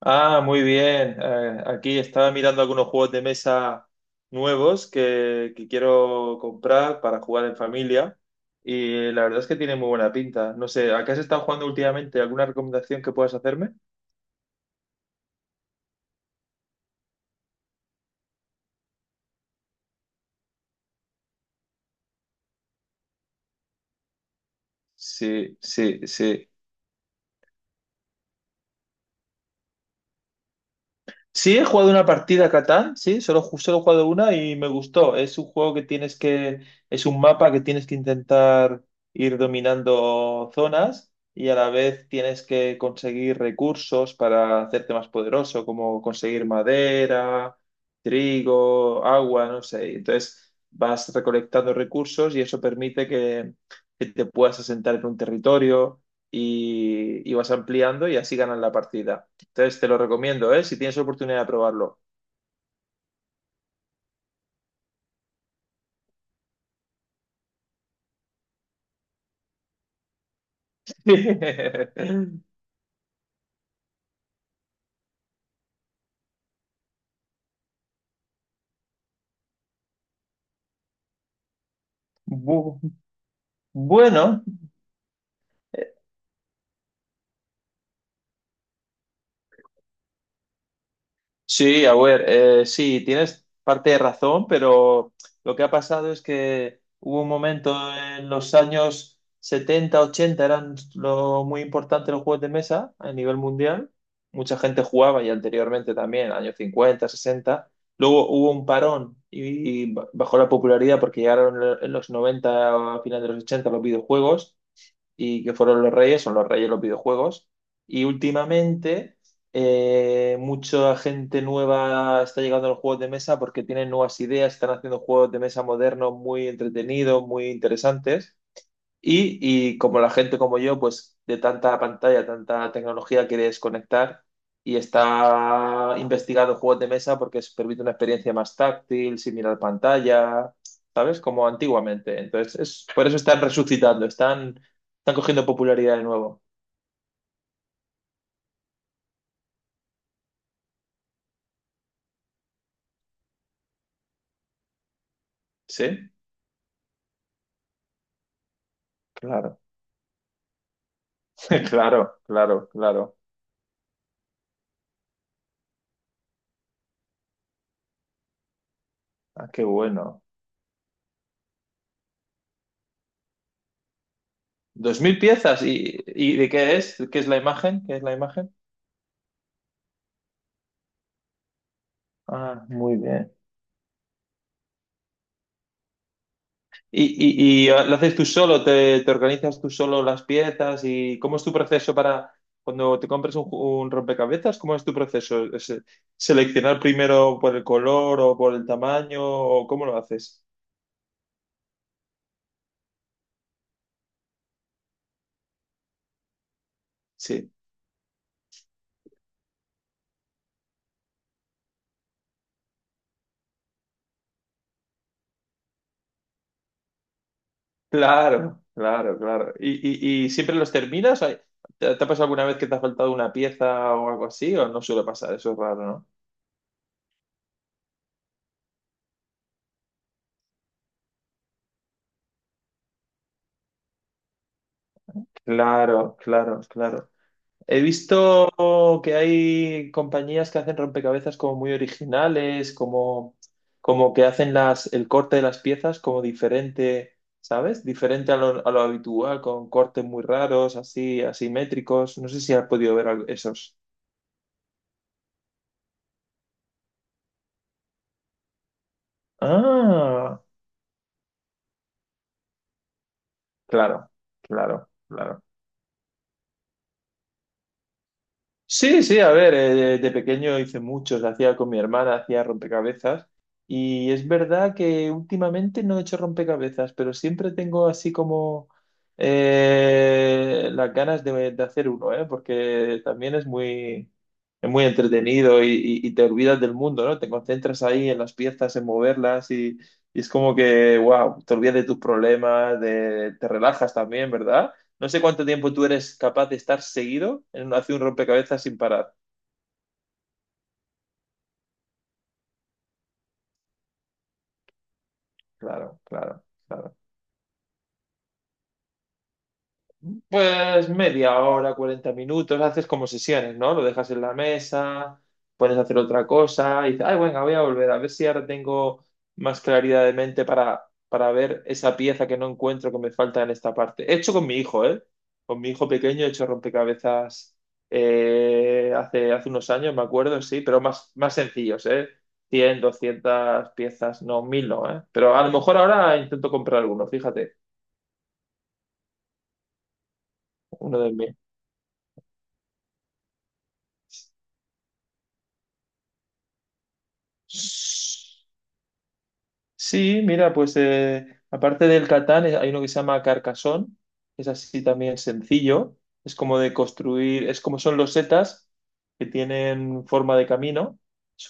Ah, muy bien. Aquí estaba mirando algunos juegos de mesa nuevos que quiero comprar para jugar en familia y la verdad es que tiene muy buena pinta. No sé, ¿a qué has estado jugando últimamente? ¿Alguna recomendación que puedas hacerme? Sí, sí, sí. Sí, he jugado una partida a Catán, sí, solo, solo he jugado una y me gustó. Es un juego que tienes que, es un mapa que tienes que intentar ir dominando zonas y a la vez tienes que conseguir recursos para hacerte más poderoso, como conseguir madera, trigo, agua, no sé. Entonces vas recolectando recursos y eso permite que te puedas asentar en un territorio y vas ampliando y así ganas la partida. Entonces te lo recomiendo, ¿eh? Si tienes oportunidad de probarlo. Bu- Bueno, eh, sí, a ver, sí, tienes parte de razón, pero lo que ha pasado es que hubo un momento en los años 70 80 eran lo muy importante los juegos de mesa a nivel mundial. Mucha gente jugaba y anteriormente también, años 50 60. Luego hubo un parón y bajó la popularidad porque llegaron en los 90 a final de los 80 los videojuegos. Y que fueron los reyes, son los reyes de los videojuegos. Y últimamente mucha gente nueva está llegando a los juegos de mesa porque tienen nuevas ideas, están haciendo juegos de mesa modernos muy entretenidos, muy interesantes. Y, y como la gente como yo, pues de tanta pantalla, tanta tecnología, quiere desconectar y está investigando juegos de mesa porque se permite una experiencia más táctil, sin mirar pantalla, ¿sabes? Como antiguamente. Entonces, es, por eso están resucitando, están cogiendo popularidad de nuevo. ¿Sí? Claro, claro, claro, claro. Ah, qué bueno. 2.000 piezas. ¿Y de qué es? ¿Qué es la imagen? ¿Qué es la imagen? Ah, muy bien. ¿Y lo haces tú solo? ¿Te organizas tú solo las piezas? ¿Y cómo es tu proceso para cuando te compras un rompecabezas? ¿Cómo es tu proceso? ¿Seleccionar primero por el color o por el tamaño? ¿O cómo lo haces? Sí, claro, claro, claro. ¿Y siempre los terminas? ¿Te ha pasado alguna vez que te ha faltado una pieza o algo así? ¿O no suele pasar? Eso es raro, ¿no? Claro, claro, claro. He visto que hay compañías que hacen rompecabezas como muy originales, como que hacen el corte de las piezas como diferente, ¿sabes? Diferente a lo habitual, con cortes muy raros, así, asimétricos. No sé si has podido ver esos. Ah, claro, claro, claro. Sí, sí, a ver, de pequeño hice muchos, hacía con mi hermana, hacía rompecabezas y es verdad que últimamente no he hecho rompecabezas, pero siempre tengo así como las ganas de hacer uno, ¿eh? Porque también es muy entretenido y te olvidas del mundo, ¿no? Te concentras ahí en las piezas, en moverlas y es como que, wow, te olvidas de tus problemas, te relajas también, ¿verdad? No sé cuánto tiempo tú eres capaz de estar seguido en hacer un rompecabezas sin parar. Claro, claro, claro. Pues media hora, 40 minutos, haces como sesiones, ¿no? Lo dejas en la mesa, pones a hacer otra cosa y dices, ay, venga, voy a volver a ver si ahora tengo más claridad de mente para ver esa pieza que no encuentro que me falta en esta parte. He hecho con mi hijo, ¿eh? Con mi hijo pequeño he hecho rompecabezas hace unos años, me acuerdo, sí, pero más sencillos, ¿eh? 100, 200 piezas, no, 1.000 no, ¿eh? Pero a lo mejor ahora intento comprar alguno, fíjate, uno de 1.000. Sí, mira, pues aparte del Catán, hay uno que se llama Carcassonne, que es así también sencillo, es como de construir, es como son los setas que tienen forma de camino,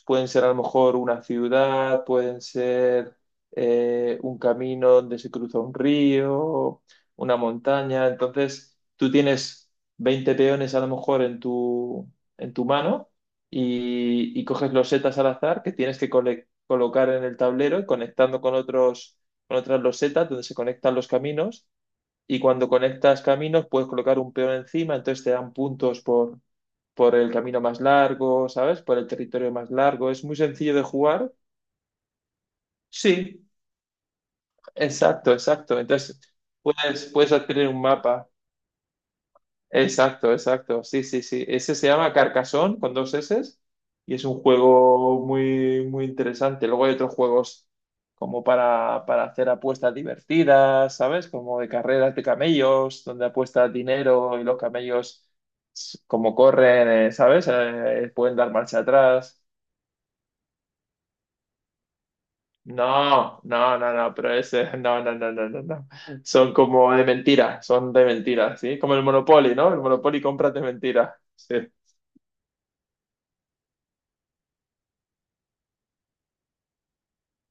pueden ser a lo mejor una ciudad, pueden ser un camino donde se cruza un río, una montaña, entonces tú tienes 20 peones a lo mejor en tu mano y coges los setas al azar que tienes que colectar colocar en el tablero y conectando con otras losetas donde se conectan los caminos. Y cuando conectas caminos, puedes colocar un peón encima, entonces te dan puntos por el camino más largo, ¿sabes? Por el territorio más largo. Es muy sencillo de jugar. Sí, exacto, exacto. Entonces, puedes adquirir un mapa. Exacto, exacto. Sí, sí, sí. Ese se llama Carcassonne con dos S y es un juego muy, muy interesante. Luego hay otros juegos como para hacer apuestas divertidas, ¿sabes? Como de carreras de camellos, donde apuestas dinero y los camellos, como corren, ¿sabes? Pueden dar marcha atrás. No, no, no, no, pero ese, no, no, no, no, no, no. Son como de mentira, son de mentira, ¿sí? Como el Monopoly, ¿no? El Monopoly compras de mentira. Sí.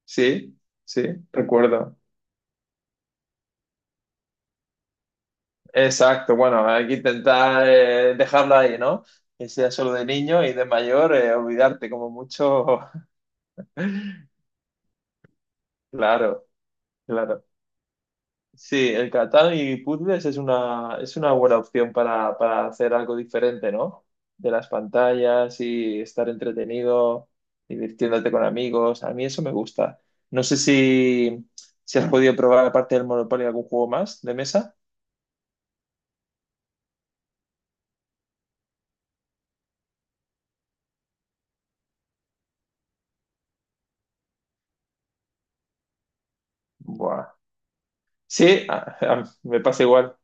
Sí, sí, recuerdo. Exacto, bueno, hay que intentar dejarla ahí, ¿no? Que sea solo de niño y de mayor, olvidarte como mucho. Claro, claro. Sí, el Catán y puzzles es una buena opción para hacer algo diferente, ¿no? De las pantallas y estar entretenido, divirtiéndote con amigos. A mí eso me gusta. No sé si, has podido probar, aparte del Monopoly, algún juego más de mesa. Buah. Sí, me pasa igual.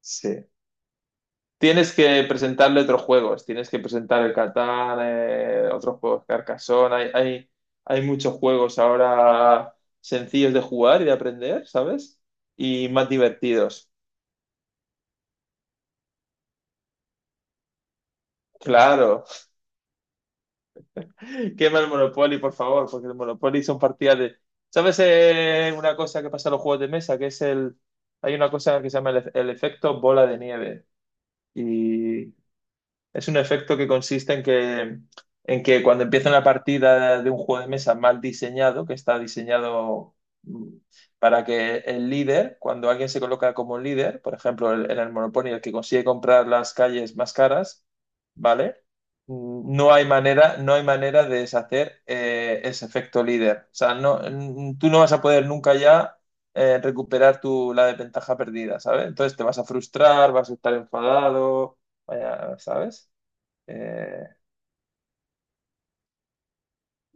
Sí. Tienes que presentarle otros juegos, tienes que presentar el Catán, otros juegos Carcassonne, hay muchos juegos ahora sencillos de jugar y de aprender, ¿sabes? Y más divertidos. Claro, quema el Monopoly, por favor, porque el Monopoly son partidas de... ¿Sabes una cosa que pasa en los juegos de mesa? Que es el... Hay una cosa que se llama el efecto bola de nieve. Y es un efecto que consiste en que cuando empieza una partida de un juego de mesa mal diseñado, que está diseñado mm, para que el líder, cuando alguien se coloca como líder, por ejemplo, en el Monopoly, el que consigue comprar las calles más caras, ¿vale? No hay manera, no hay manera de deshacer ese efecto líder. O sea, no, tú no vas a poder nunca ya recuperar la desventaja perdida, ¿sabes? Entonces te vas a frustrar, vas a estar enfadado. Vaya, ¿sabes? Eh,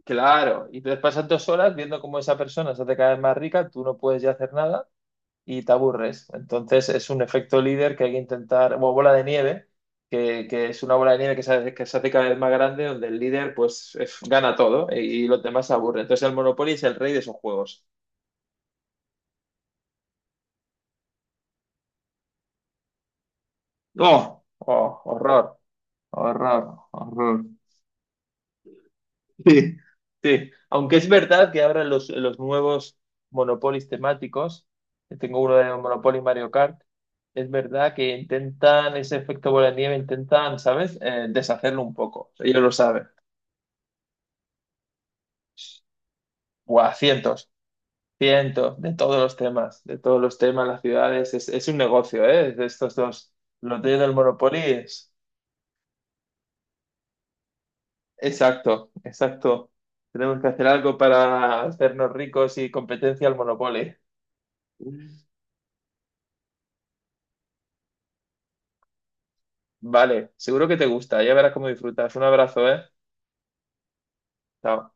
claro, y entonces pasas 2 horas viendo cómo esa persona se hace cada vez más rica, tú no puedes ya hacer nada y te aburres. Entonces es un efecto líder que hay que intentar, o bola de nieve, que es una bola de nieve que se hace cada vez más grande, donde el líder pues es- gana todo y los demás se aburren. Entonces el Monopoly es el rey de esos juegos. ¡Oh! ¡Oh! ¡Horror! ¡Horror! ¡Horror! Sí, sí. Aunque es verdad que ahora los nuevos monopolios temáticos, que tengo uno de Monopoly Mario Kart, es verdad que intentan ese efecto bola de nieve, intentan, ¿sabes? Deshacerlo un poco. Ellos lo saben. Buah, cientos, cientos de todos los temas, de todos los temas, las ciudades. Es un negocio, ¿eh? De estos dos. Los de del Monopoly es... Exacto, exacto. Tenemos que hacer algo para hacernos ricos y competencia al Monopoly. Vale, seguro que te gusta. Ya verás cómo disfrutas. Un abrazo, ¿eh? Chao.